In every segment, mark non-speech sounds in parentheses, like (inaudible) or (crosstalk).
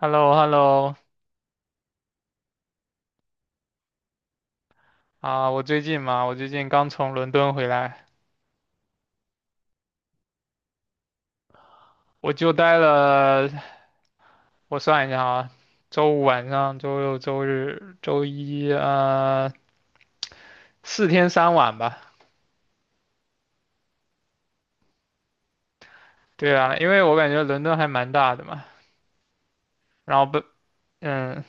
h e l l o h e l l o 啊，我最近嘛，我最近刚从伦敦回来。我就待了，我算一下啊，周五晚上、周六、周日、周一，4天3晚吧。对啊，因为我感觉伦敦还蛮大的嘛。然后不，嗯，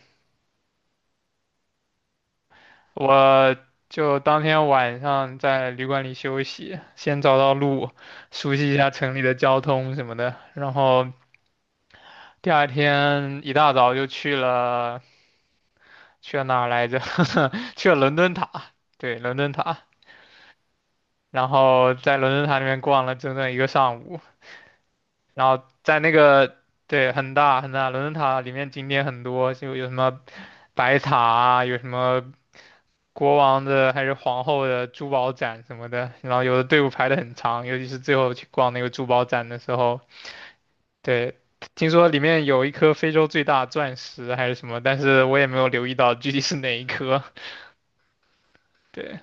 我就当天晚上在旅馆里休息，先找到路，熟悉一下城里的交通什么的，然后第二天一大早就去了。去了哪儿来着？去了伦敦塔，对，伦敦塔。然后在伦敦塔里面逛了整整一个上午。然后在那个对，很大很大，伦敦塔里面景点很多，就有什么白塔啊，有什么国王的还是皇后的珠宝展什么的。然后有的队伍排得很长，尤其是最后去逛那个珠宝展的时候，对。听说里面有一颗非洲最大钻石还是什么，但是我也没有留意到具体是哪一颗。对，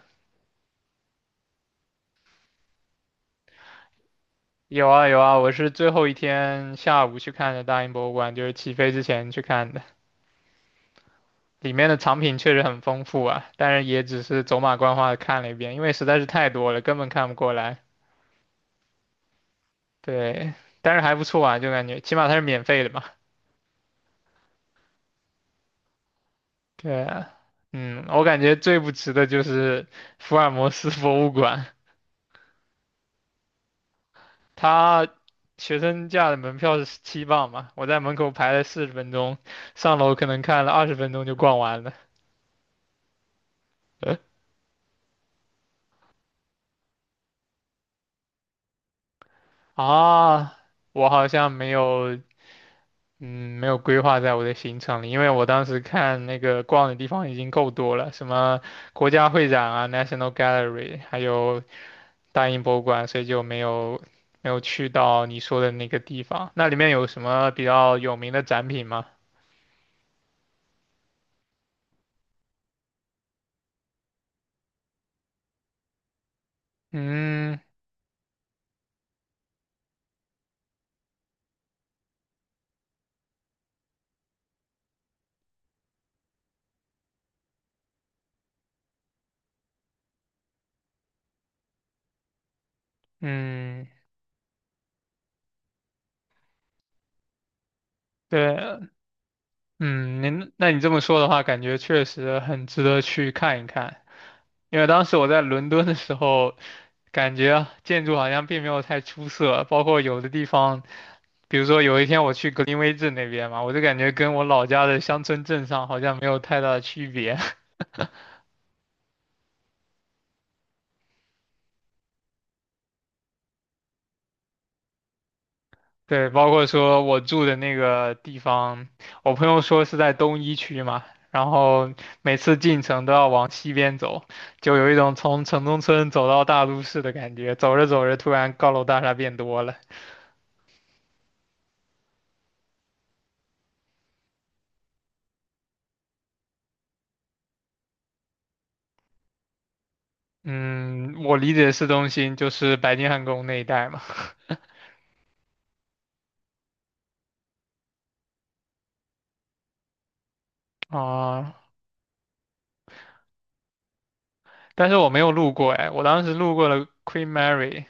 有啊有啊，我是最后一天下午去看的大英博物馆，就是起飞之前去看的。里面的藏品确实很丰富啊，但是也只是走马观花的看了一遍，因为实在是太多了，根本看不过来。对，但是还不错啊，就感觉起码它是免费的嘛。对啊，我感觉最不值的就是福尔摩斯博物馆。它学生价的门票是17磅嘛，我在门口排了40分钟，上楼可能看了20分钟就逛完了。(laughs) 啊，我好像没有，嗯，没有规划在我的行程里，因为我当时看那个逛的地方已经够多了，什么国家会展啊、National Gallery,还有大英博物馆，所以就没有去到你说的那个地方。那里面有什么比较有名的展品吗？嗯嗯，对，嗯，你这么说的话，感觉确实很值得去看一看。因为当时我在伦敦的时候，感觉啊建筑好像并没有太出色，包括有的地方，比如说有一天我去格林威治那边嘛，我就感觉跟我老家的乡村镇上好像没有太大的区别。(laughs) 对，包括说我住的那个地方，我朋友说是在东一区嘛，然后每次进城都要往西边走，就有一种从城中村走到大都市的感觉，走着走着突然高楼大厦变多了。嗯，我理解的市中心就是白金汉宫那一带嘛。(laughs) 啊，但是我没有路过哎，我当时路过了 Queen Mary,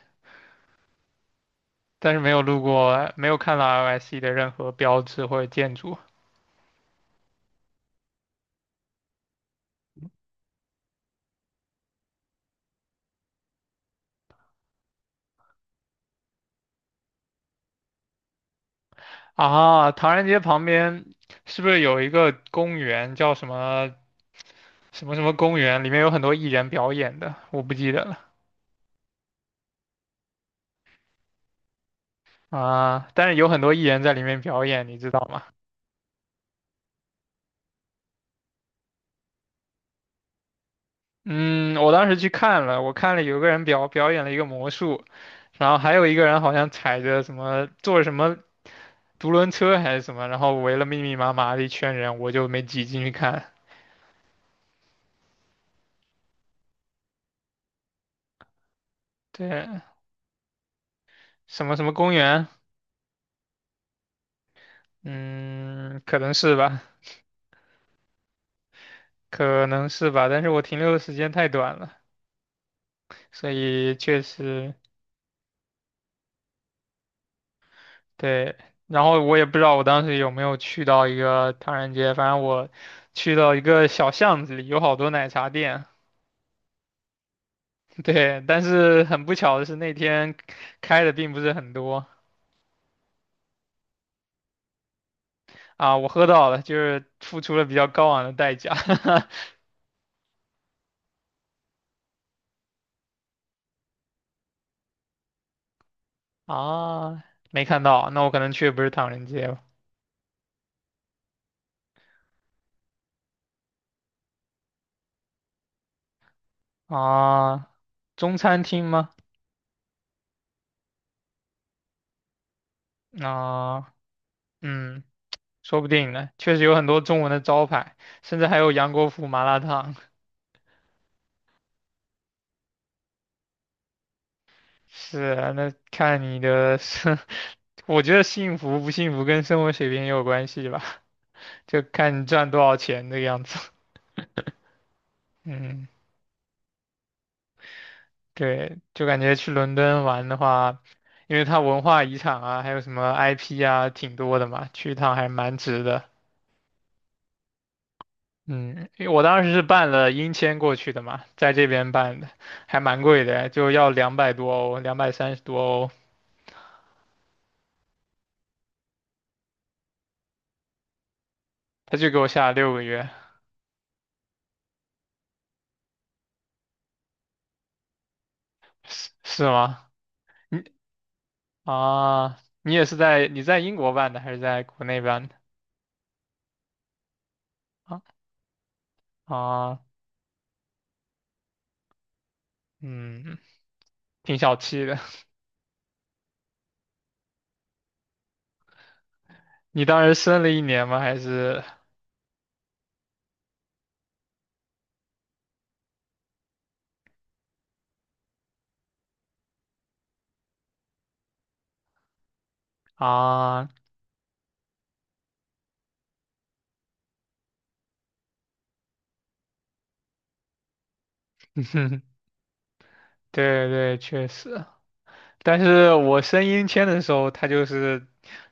但是没有路过，没有看到 LSE 的任何标志或者建筑。啊，唐人街旁边是不是有一个公园叫什么什么什么公园？里面有很多艺人表演的，我不记得了。啊，但是有很多艺人在里面表演，你知道吗？嗯，我当时去看了，我看了有个人表演了一个魔术，然后还有一个人好像踩着什么坐着什么独轮车还是什么，然后围了密密麻麻的一圈人，我就没挤进去看。对，什么什么公园，嗯，可能是吧，可能是吧，但是我停留的时间太短了，所以确实对。然后我也不知道我当时有没有去到一个唐人街，反正我去到一个小巷子里，有好多奶茶店。(laughs) 对，但是很不巧的是那天开的并不是很多。啊，我喝到了，就是付出了比较高昂的代价。(laughs) 啊，没看到，那我可能去的不是唐人街了。啊，中餐厅吗？啊，嗯，说不定呢，确实有很多中文的招牌，甚至还有杨国福麻辣烫。是啊，那看你的生，(laughs) 我觉得幸福不幸福跟生活水平也有关系吧，就看你赚多少钱这个样子。嗯。对，就感觉去伦敦玩的话，因为它文化遗产啊，还有什么 IP 啊，挺多的嘛，去一趟还蛮值的。嗯，因为我当时是办了英签过去的嘛，在这边办的，还蛮贵的，就要200多欧，230多欧。他就给我下了6个月。是是吗？你啊，你也是在英国办的，还是在国内办的？啊啊，嗯，挺小气的。(laughs) 你当时申了一年吗？还是啊？(laughs) 对对，确实，但是我申英签的时候，他就是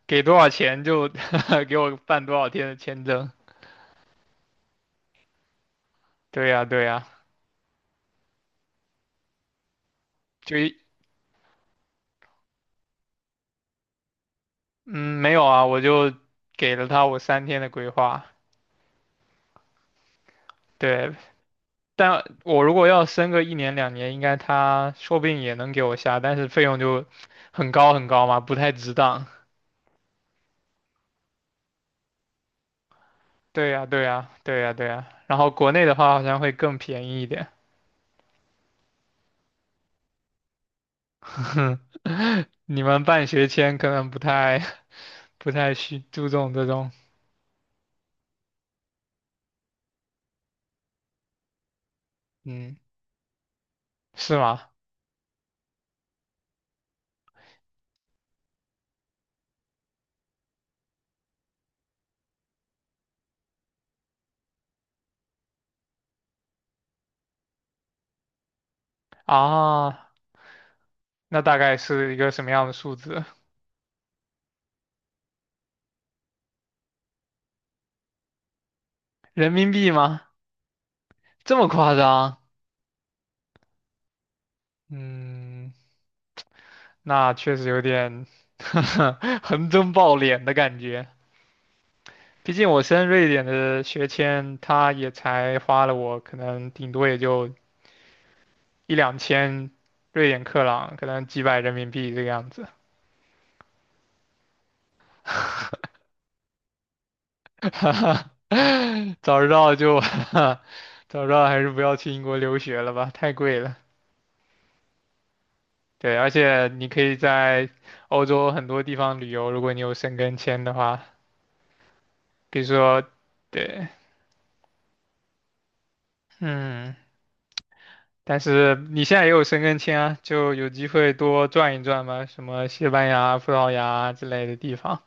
给多少钱就 (laughs) 给我办多少天的签证。对呀，对呀，就一嗯没有啊，我就给了他我3天的规划。对，但我如果要申个一年两年，应该他说不定也能给我下，但是费用就很高很高嘛，不太值当。对呀，对呀，对呀，对呀。然后国内的话好像会更便宜一点。(laughs) 你们办学签可能不太需注重这种，嗯，是吗？啊，那大概是一个什么样的数字？人民币吗？这么夸张？嗯，那确实有点 (laughs) 横征暴敛的感觉。毕竟我申瑞典的学签，他也才花了我可能顶多也就一两千瑞典克朗，可能几百人民币这个样子。(laughs) 早知道就 (laughs) 早知道还是不要去英国留学了吧，太贵了。对，而且你可以在欧洲很多地方旅游，如果你有申根签的话，比如说，对，嗯，但是你现在也有申根签啊，就有机会多转一转嘛，什么西班牙、葡萄牙之类的地方。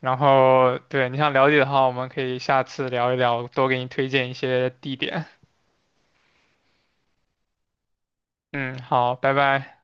然后，对，你想了解的话，我们可以下次聊一聊，多给你推荐一些地点。嗯，好，拜拜。